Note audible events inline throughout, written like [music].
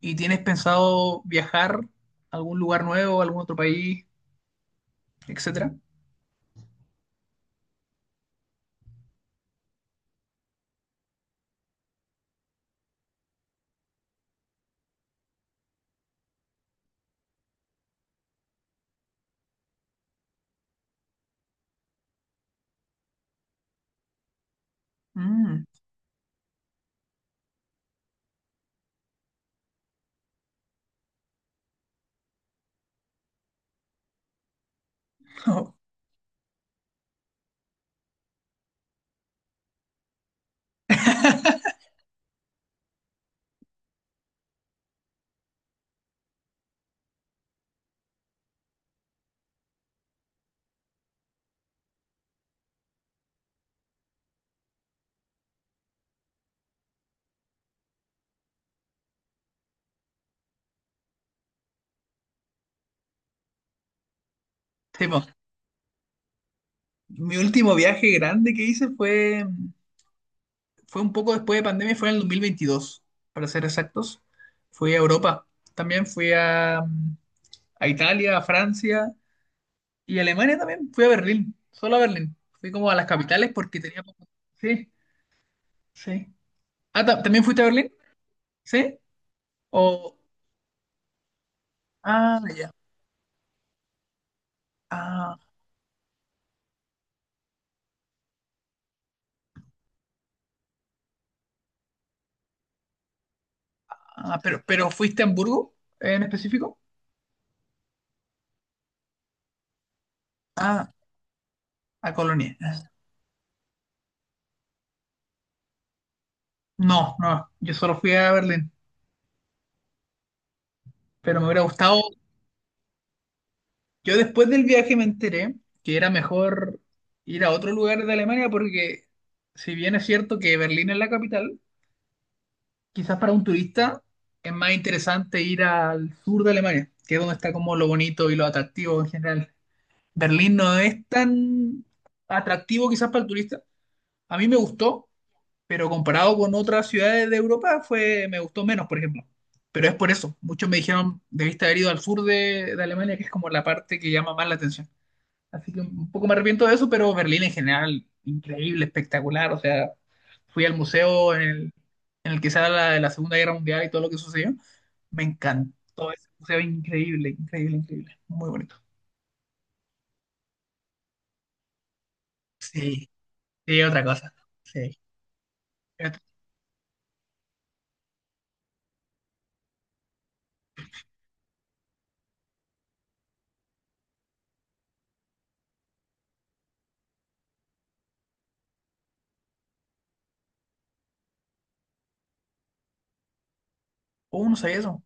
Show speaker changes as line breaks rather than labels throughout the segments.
¿Y tienes pensado viajar a algún lugar nuevo, a algún otro país, etcétera? Mm, no. [laughs] Sí, po. Mi último viaje grande que hice fue, un poco después de pandemia, fue en el 2022, para ser exactos. Fui a Europa, también fui a Italia, a Francia y a Alemania también. Fui a Berlín, solo a Berlín. Fui como a las capitales porque tenía poco. Sí, sí. Ah, ¿también fuiste a Berlín? ¿Sí? O... Ah, ya. Ah. Ah, pero ¿fuiste a Hamburgo en específico? Ah, a Colonia. No, no, yo solo fui a Berlín, pero me hubiera gustado. Yo después del viaje me enteré que era mejor ir a otro lugar de Alemania porque si bien es cierto que Berlín es la capital, quizás para un turista es más interesante ir al sur de Alemania, que es donde está como lo bonito y lo atractivo en general. Berlín no es tan atractivo quizás para el turista. A mí me gustó, pero comparado con otras ciudades de Europa fue, me gustó menos, por ejemplo. Pero es por eso. Muchos me dijeron, debiste haber ido al sur de Alemania, que es como la parte que llama más la atención. Así que un poco me arrepiento de eso, pero Berlín en general, increíble, espectacular. O sea, fui al museo en el que se habla de la Segunda Guerra Mundial y todo lo que sucedió. Me encantó ese museo, increíble, increíble, increíble. Muy bonito. Sí, sí, otra cosa. Sí. Pero- Oh, no sabía eso.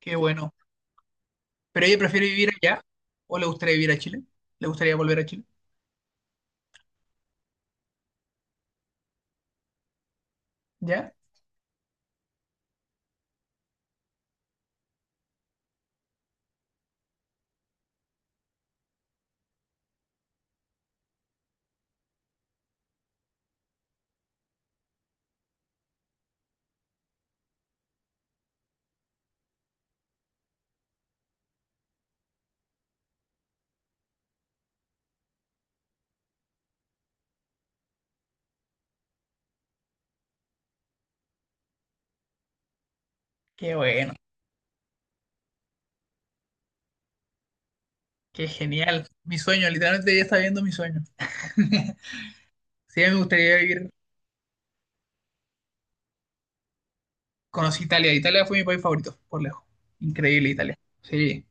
Qué bueno. ¿Pero ella prefiere vivir allá? ¿O le gustaría vivir a Chile? ¿Le gustaría volver a Chile? ¿Ya? Qué bueno, qué genial. Mi sueño, literalmente ella está viendo mi sueño. [laughs] Sí, a mí me gustaría vivir. Conocí Italia. Italia fue mi país favorito, por lejos. Increíble Italia. Sí.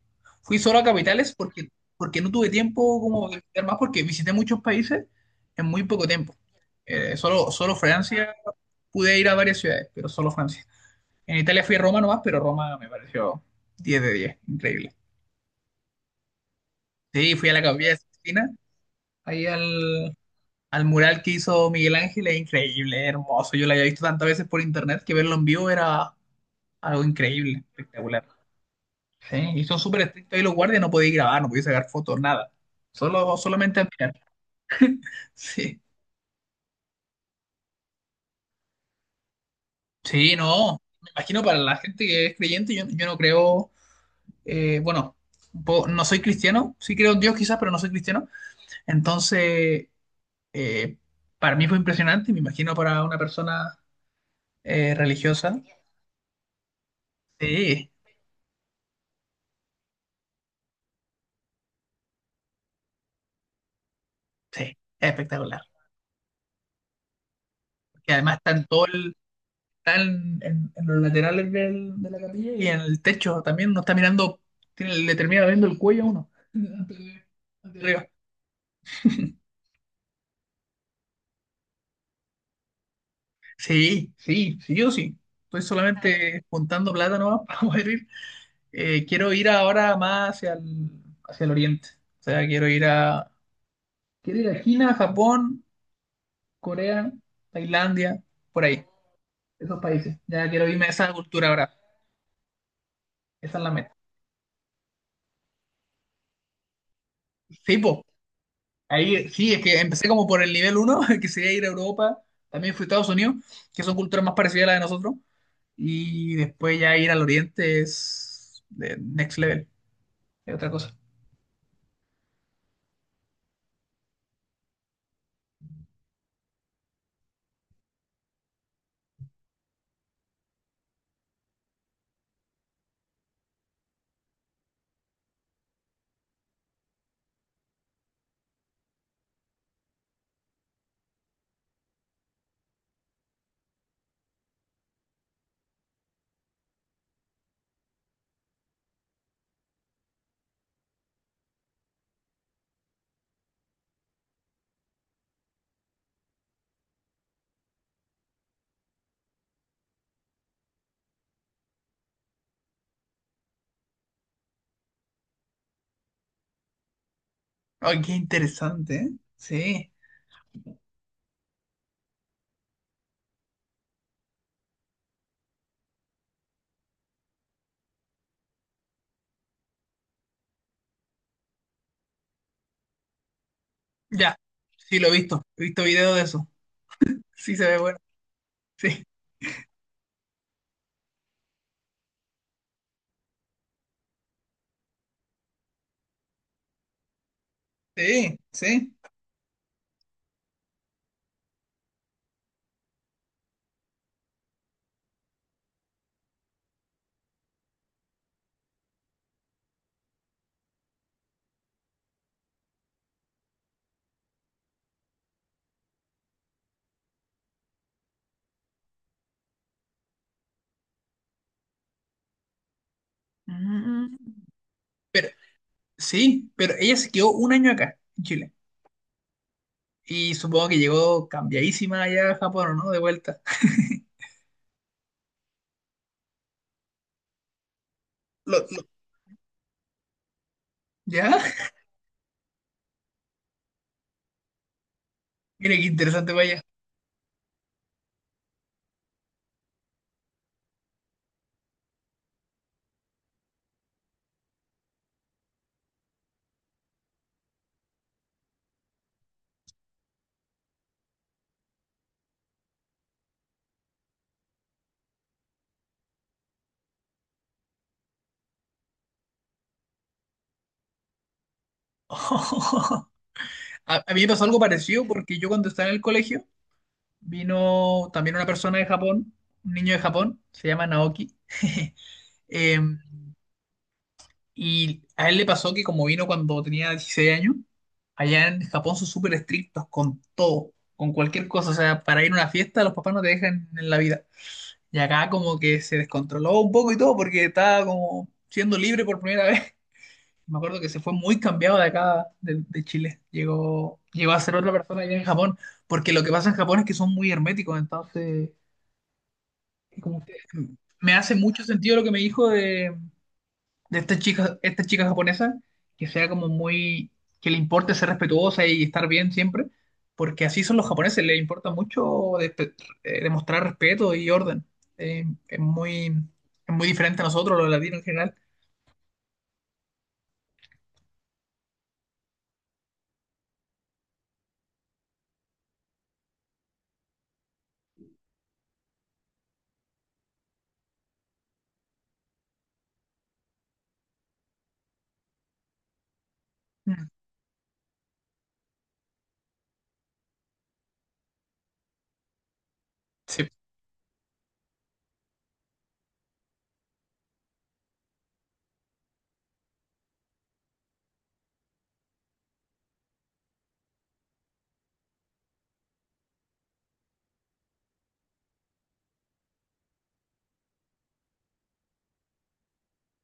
Fui solo a capitales porque, no tuve tiempo como de visitar más, porque visité muchos países en muy poco tiempo. Solo Francia, pude ir a varias ciudades, pero solo Francia. En Italia fui a Roma nomás, pero Roma me pareció 10 de 10, increíble. Sí, fui a la capilla de Sixtina, ahí al mural que hizo Miguel Ángel, es increíble, es hermoso. Yo lo había visto tantas veces por internet que verlo en vivo era algo increíble, espectacular. Sí, y son súper estrictos ahí los guardias, no podéis grabar, no podéis sacar fotos, nada. Solo, solamente admirar. [laughs] Sí. Sí, no. Me imagino para la gente que es creyente, yo no creo, bueno, un no soy cristiano, sí creo en Dios quizás, pero no soy cristiano. Entonces, eh, para mí fue impresionante, y me imagino para una persona religiosa. Sí, sí, es espectacular. Y además están en los laterales de la capilla y en el techo también. Uno está mirando, le termina viendo el cuello a uno. Antes de arriba. Sí, sí, sí, yo sí. Estoy solamente juntando plata nomás [laughs] para poder ir. Quiero ir ahora más hacia el oriente. O sea, quiero ir a China, Japón, Corea, Tailandia, por ahí, esos países. Ya quiero irme a esa cultura ahora. Esa es la meta. Sí, po. Ahí, sí, es que empecé como por el nivel uno, [laughs] que sería ir a Europa. También fui a Estados Unidos, que son culturas más parecidas a la de nosotros. Y después ya ir al Oriente es de next level. Es otra cosa. Ay, qué interesante, ¿eh? Sí. Ya, sí, lo he visto. He visto videos de eso. Sí, se ve bueno. Sí, sí, sí. Mm. Pero, sí, pero ella se quedó un año acá, en Chile. Y supongo que llegó cambiadísima allá a Japón, ¿o no? De vuelta. [laughs] Lo- lo- ¿Ya? [laughs] Mira qué interesante, vaya. [laughs] A mí me pasó algo parecido porque yo cuando estaba en el colegio vino también una persona de Japón, un niño de Japón, se llama Naoki. [laughs] Eh, y a él le pasó que como vino cuando tenía 16 años, allá en Japón son súper estrictos con todo, con cualquier cosa. O sea, para ir a una fiesta los papás no te dejan en la vida. Y acá como que se descontroló un poco y todo porque estaba como siendo libre por primera [laughs] vez. Me acuerdo que se fue muy cambiado de acá, de Chile. Llegó a ser otra persona allá en Japón, porque lo que pasa en Japón es que son muy herméticos, entonces, como que me hace mucho sentido lo que me dijo de, esta chica japonesa, que sea como muy, que le importe ser respetuosa y estar bien siempre, porque así son los japoneses, les importa mucho despe- demostrar respeto y orden. Eh, es muy, es muy diferente a nosotros, los latinos en general. Mm. Sí,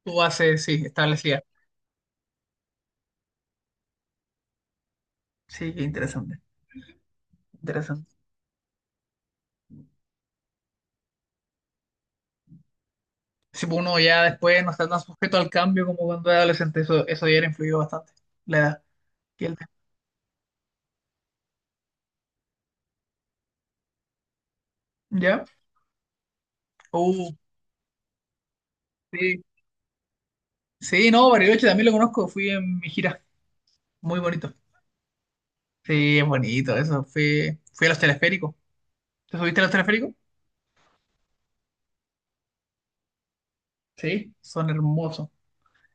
tú haces, sí, establecida. Sí, qué interesante. Interesante. Si uno ya después no está tan sujeto al cambio como cuando era adolescente, eso ya era influido bastante, la edad. Y el- ¿Ya? Uh, sí. Sí, no, Bariloche también lo conozco, fui en mi gira, muy bonito. Sí, es bonito, eso, fui a los teleféricos. ¿Te subiste a los teleféricos? Sí, son hermosos.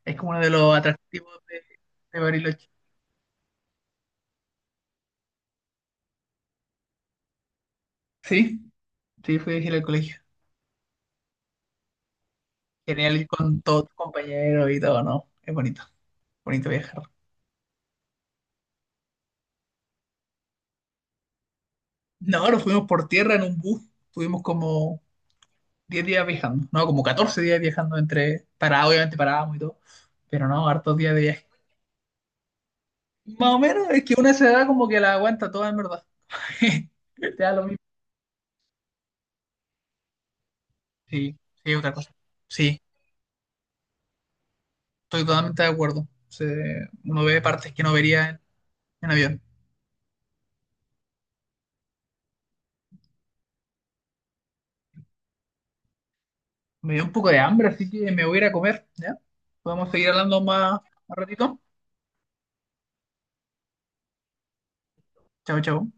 Es como uno de los atractivos de Bariloche. Sí, sí, fui a gira al colegio. Genial ir con todos tus compañeros y todo, ¿no? Es bonito, bonito viajar. No, nos fuimos por tierra en un bus, tuvimos como 10 días viajando, no, como 14 días viajando entre, para, obviamente parábamos y todo, pero no, hartos días de viaje. Más o menos, es que una se da como que la aguanta toda en verdad. [laughs] Te da lo mismo. Sí, sí, otra cosa. Sí, estoy totalmente de acuerdo. Uno ve partes que no vería en avión. Me dio un poco de hambre, así que me voy a ir a comer, ¿ya? Podemos seguir hablando más un ratito. Chao, chao.